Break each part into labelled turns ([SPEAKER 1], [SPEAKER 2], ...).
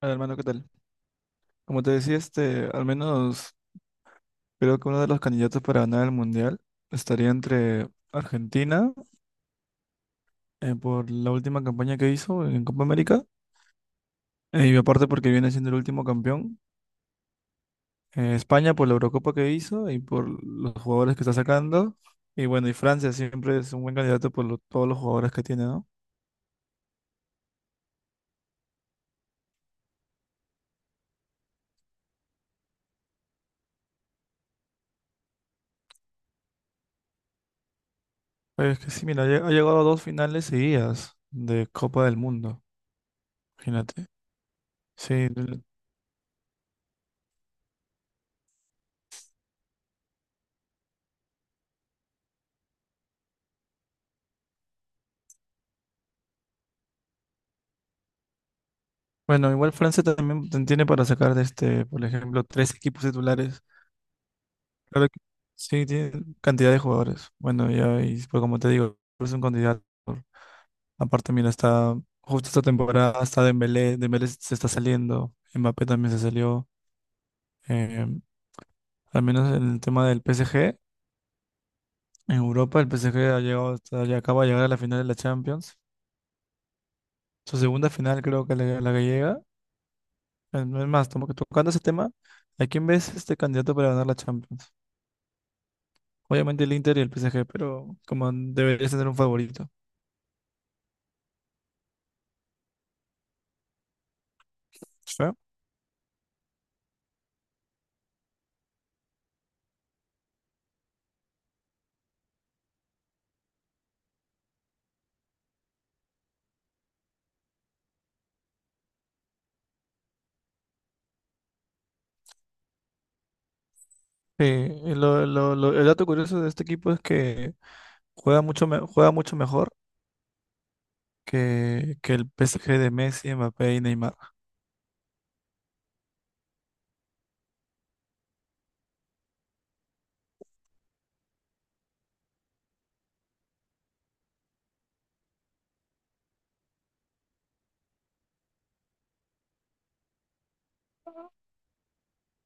[SPEAKER 1] Hola, hermano, ¿qué tal? Como te decía, al menos creo que uno de los candidatos para ganar el mundial estaría entre Argentina, por la última campaña que hizo en Copa América, y aparte porque viene siendo el último campeón, España por la Eurocopa que hizo y por los jugadores que está sacando, y bueno, y Francia siempre es un buen candidato por todos los jugadores que tiene, ¿no? Pero es que sí, mira, ha llegado a dos finales seguidas de Copa del Mundo, imagínate. Sí, bueno, igual Francia también tiene para sacar de este, por ejemplo, tres equipos titulares. Claro que sí, tiene cantidad de jugadores. Bueno, ya, y pues como te digo, es un candidato. Aparte, mira, está justo esta temporada, está Dembélé, Dembélé se está saliendo, Mbappé también se salió. eh, Al menos en el tema del PSG, en Europa el PSG ha llegado, ya acaba de llegar a la final de la Champions. Su segunda final creo que la que llega. Es más, tocando ese tema, ¿a quién ves este candidato para ganar la Champions? Obviamente el Inter y el PSG, pero como deberías tener un favorito. Sí. Sí, y el dato curioso de este equipo es que juega mucho, juega mucho mejor que el PSG de Messi, Mbappé y Neymar.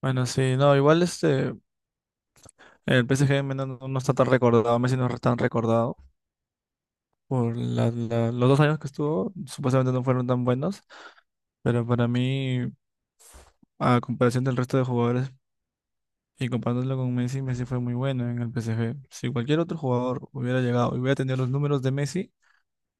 [SPEAKER 1] Bueno, sí, no, igual este, el PSG no está tan recordado, Messi no es tan recordado por los dos años que estuvo, supuestamente no fueron tan buenos, pero para mí, a comparación del resto de jugadores. Y comparándolo con Messi, Messi fue muy bueno en el PSG. Si cualquier otro jugador hubiera llegado y hubiera tenido los números de Messi,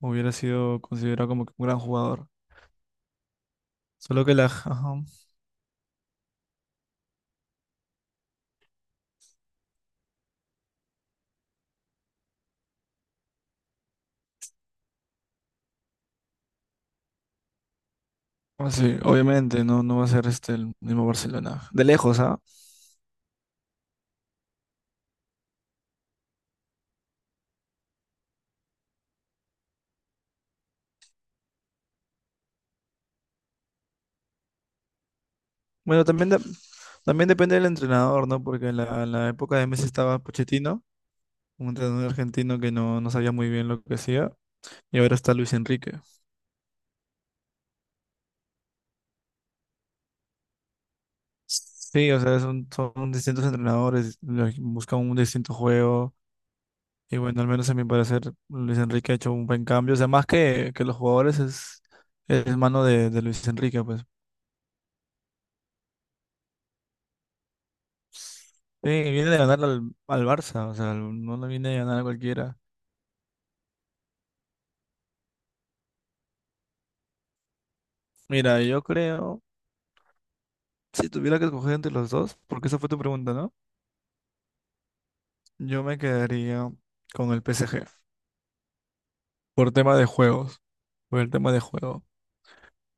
[SPEAKER 1] hubiera sido considerado como que un gran jugador. Solo que la... ajá. Ah, sí, obviamente, no, no va a ser este el mismo Barcelona. De lejos, ¿ah? Bueno, también, también depende del entrenador, ¿no? Porque en la época de Messi estaba Pochettino, un entrenador argentino que no sabía muy bien lo que hacía, y ahora está Luis Enrique. Sí, o sea, son distintos entrenadores, buscan un distinto juego. Y bueno, al menos a mi parecer, Luis Enrique ha hecho un buen cambio. O sea, más que los jugadores, es mano de Luis Enrique, pues. Sí, viene de ganar al Barça, o sea, no le viene de ganar a cualquiera. Mira, yo creo, si tuviera que escoger entre los dos, porque esa fue tu pregunta, ¿no? Yo me quedaría con el P S G por tema de juegos, por el tema de juego.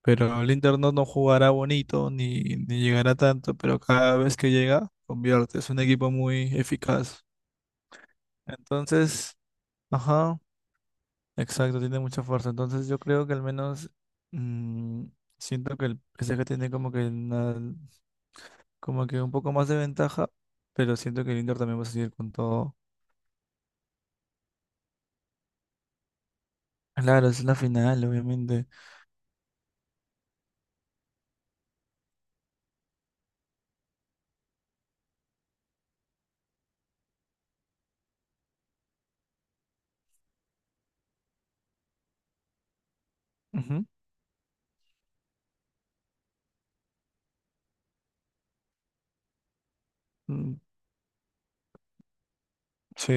[SPEAKER 1] Pero el Inter no jugará bonito, ni, ni llegará tanto, pero cada vez que llega, convierte. Es un equipo muy eficaz. Entonces, ajá, exacto, tiene mucha fuerza. Entonces yo creo que al menos mm, siento que el PSG tiene como que como que un poco más de ventaja, pero siento que el Inter también va a seguir con todo. Claro, es la final, obviamente. Ujú. Mm, sí,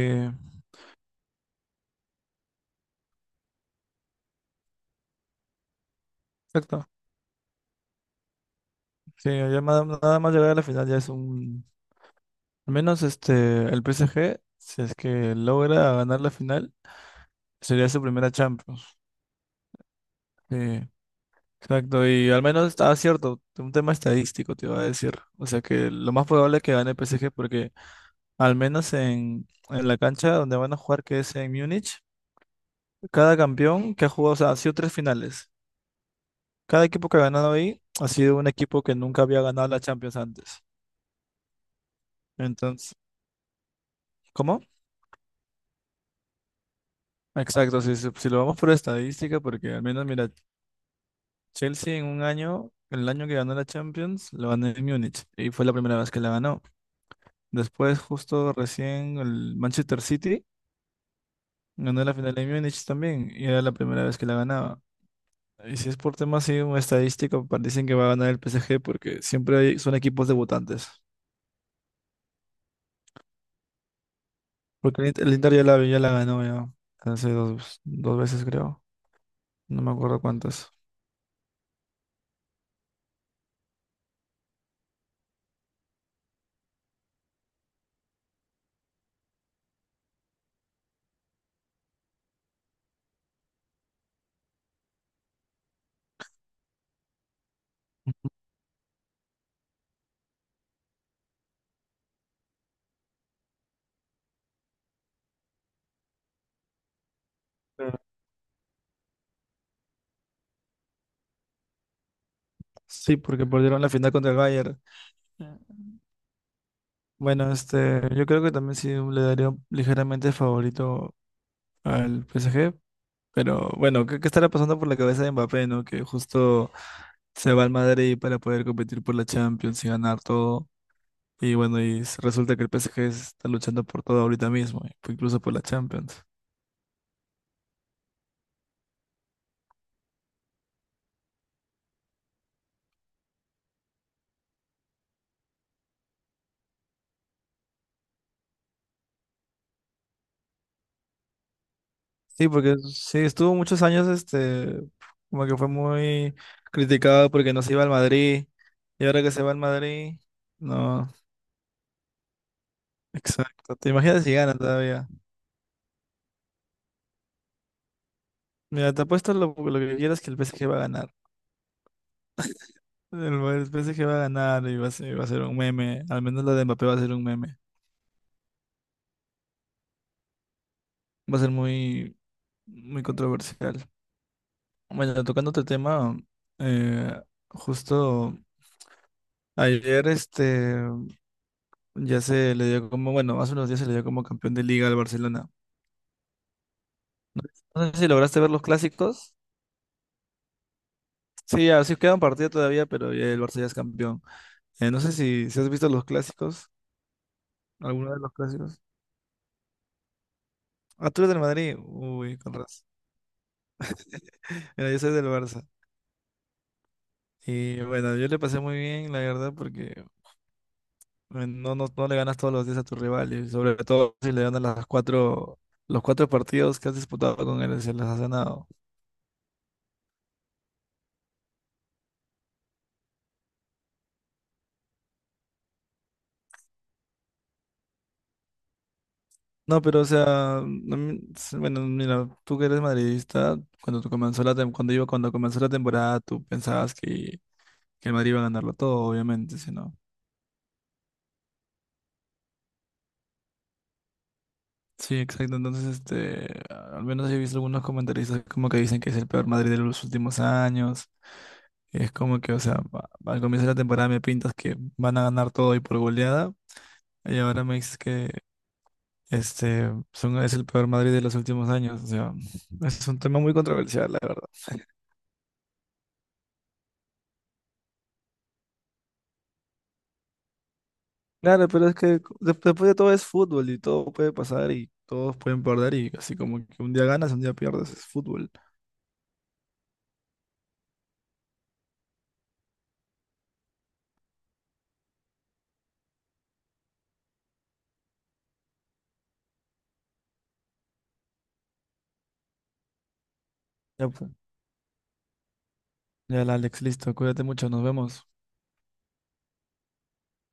[SPEAKER 1] exacto. Sí, ya nada, nada más llegar a la final ya es un... Al menos este, el PSG, si es que logra ganar la final, sería su primera Champions. Sí. Exacto, y al menos estaba cierto, un tema estadístico te iba a decir. O sea que lo más probable es que gane el PSG porque al menos en la cancha donde van a jugar, que es en Múnich, cada campeón que ha jugado, o sea, ha sido tres finales. Cada equipo que ha ganado ahí ha sido un equipo que nunca había ganado la Champions antes. Entonces, ¿cómo? Exacto, si lo vamos por estadística, porque al menos, mira, Chelsea en un año, el año que ganó la Champions, lo ganó en Múnich y fue la primera vez que la ganó. Después, justo recién, el Manchester City ganó la final de Múnich también y era la primera vez que la ganaba. Y si es por temas así, un estadístico, dicen que va a ganar el PSG porque siempre son equipos debutantes. Porque el Inter ya la ganó ya hace dos veces, creo. No me acuerdo cuántas. Pero sí, porque perdieron la final contra el Bayern. Ya. Bueno, este, yo creo que también sí le daría un ligeramente favorito al PSG, pero bueno, ¿qué estará pasando por la cabeza de Mbappé, ¿no? Que justo se va al Madrid para poder competir por la Champions y ganar todo. Y bueno, y resulta que el PSG está luchando por todo ahorita mismo, incluso por la Champions. Sí, porque sí, estuvo muchos años, este, como que fue muy criticado porque no se iba al Madrid. Y ahora que se va al Madrid, no, exacto. ¿Te imaginas si gana todavía? Mira, te apuesto lo que quieras que el PSG va a ganar. El Bayern, pensé que iba a ganar y va a va a ser un meme. Al menos la de Mbappé va a ser un meme. Va a ser muy, muy controversial. Bueno, tocando otro tema, eh, justo ayer este ya se le dio como, bueno, hace unos días se le dio como campeón de liga al Barcelona. No, no sé si lograste ver los clásicos. Sí, así queda un partido todavía, pero ya el Barça ya es campeón. No sé si has visto los clásicos, alguno de los clásicos. Ah, tú eres del Madrid. Uy, con razón. Mira, yo soy del Barça. Y bueno, yo le pasé muy bien, la verdad, porque no, no, no le ganas todos los días a tu rival, y sobre todo si le ganas las cuatro, los cuatro partidos que has disputado con él, se las has ganado. No, pero o sea, no me- bueno, mira, tú que eres madridista, cuando tú cuando iba, cuando comenzó la temporada, tú pensabas que el Madrid iba a ganarlo todo, obviamente, si no. Sí, exacto. Entonces, este, al menos he visto algunos comentaristas como que dicen que es el peor Madrid de los últimos años. Es como que, o sea, al comienzo de la temporada me pintas que van a ganar todo y por goleada, y ahora me dices que este son, es el peor Madrid de los últimos años. O sea, es un tema muy controversial, la verdad. Claro, pero es que después de todo es fútbol y todo puede pasar y todos pueden perder y así como que un día ganas, un día pierdes, es fútbol. Ya, pues. Ya, Alex, listo. Cuídate mucho, nos vemos.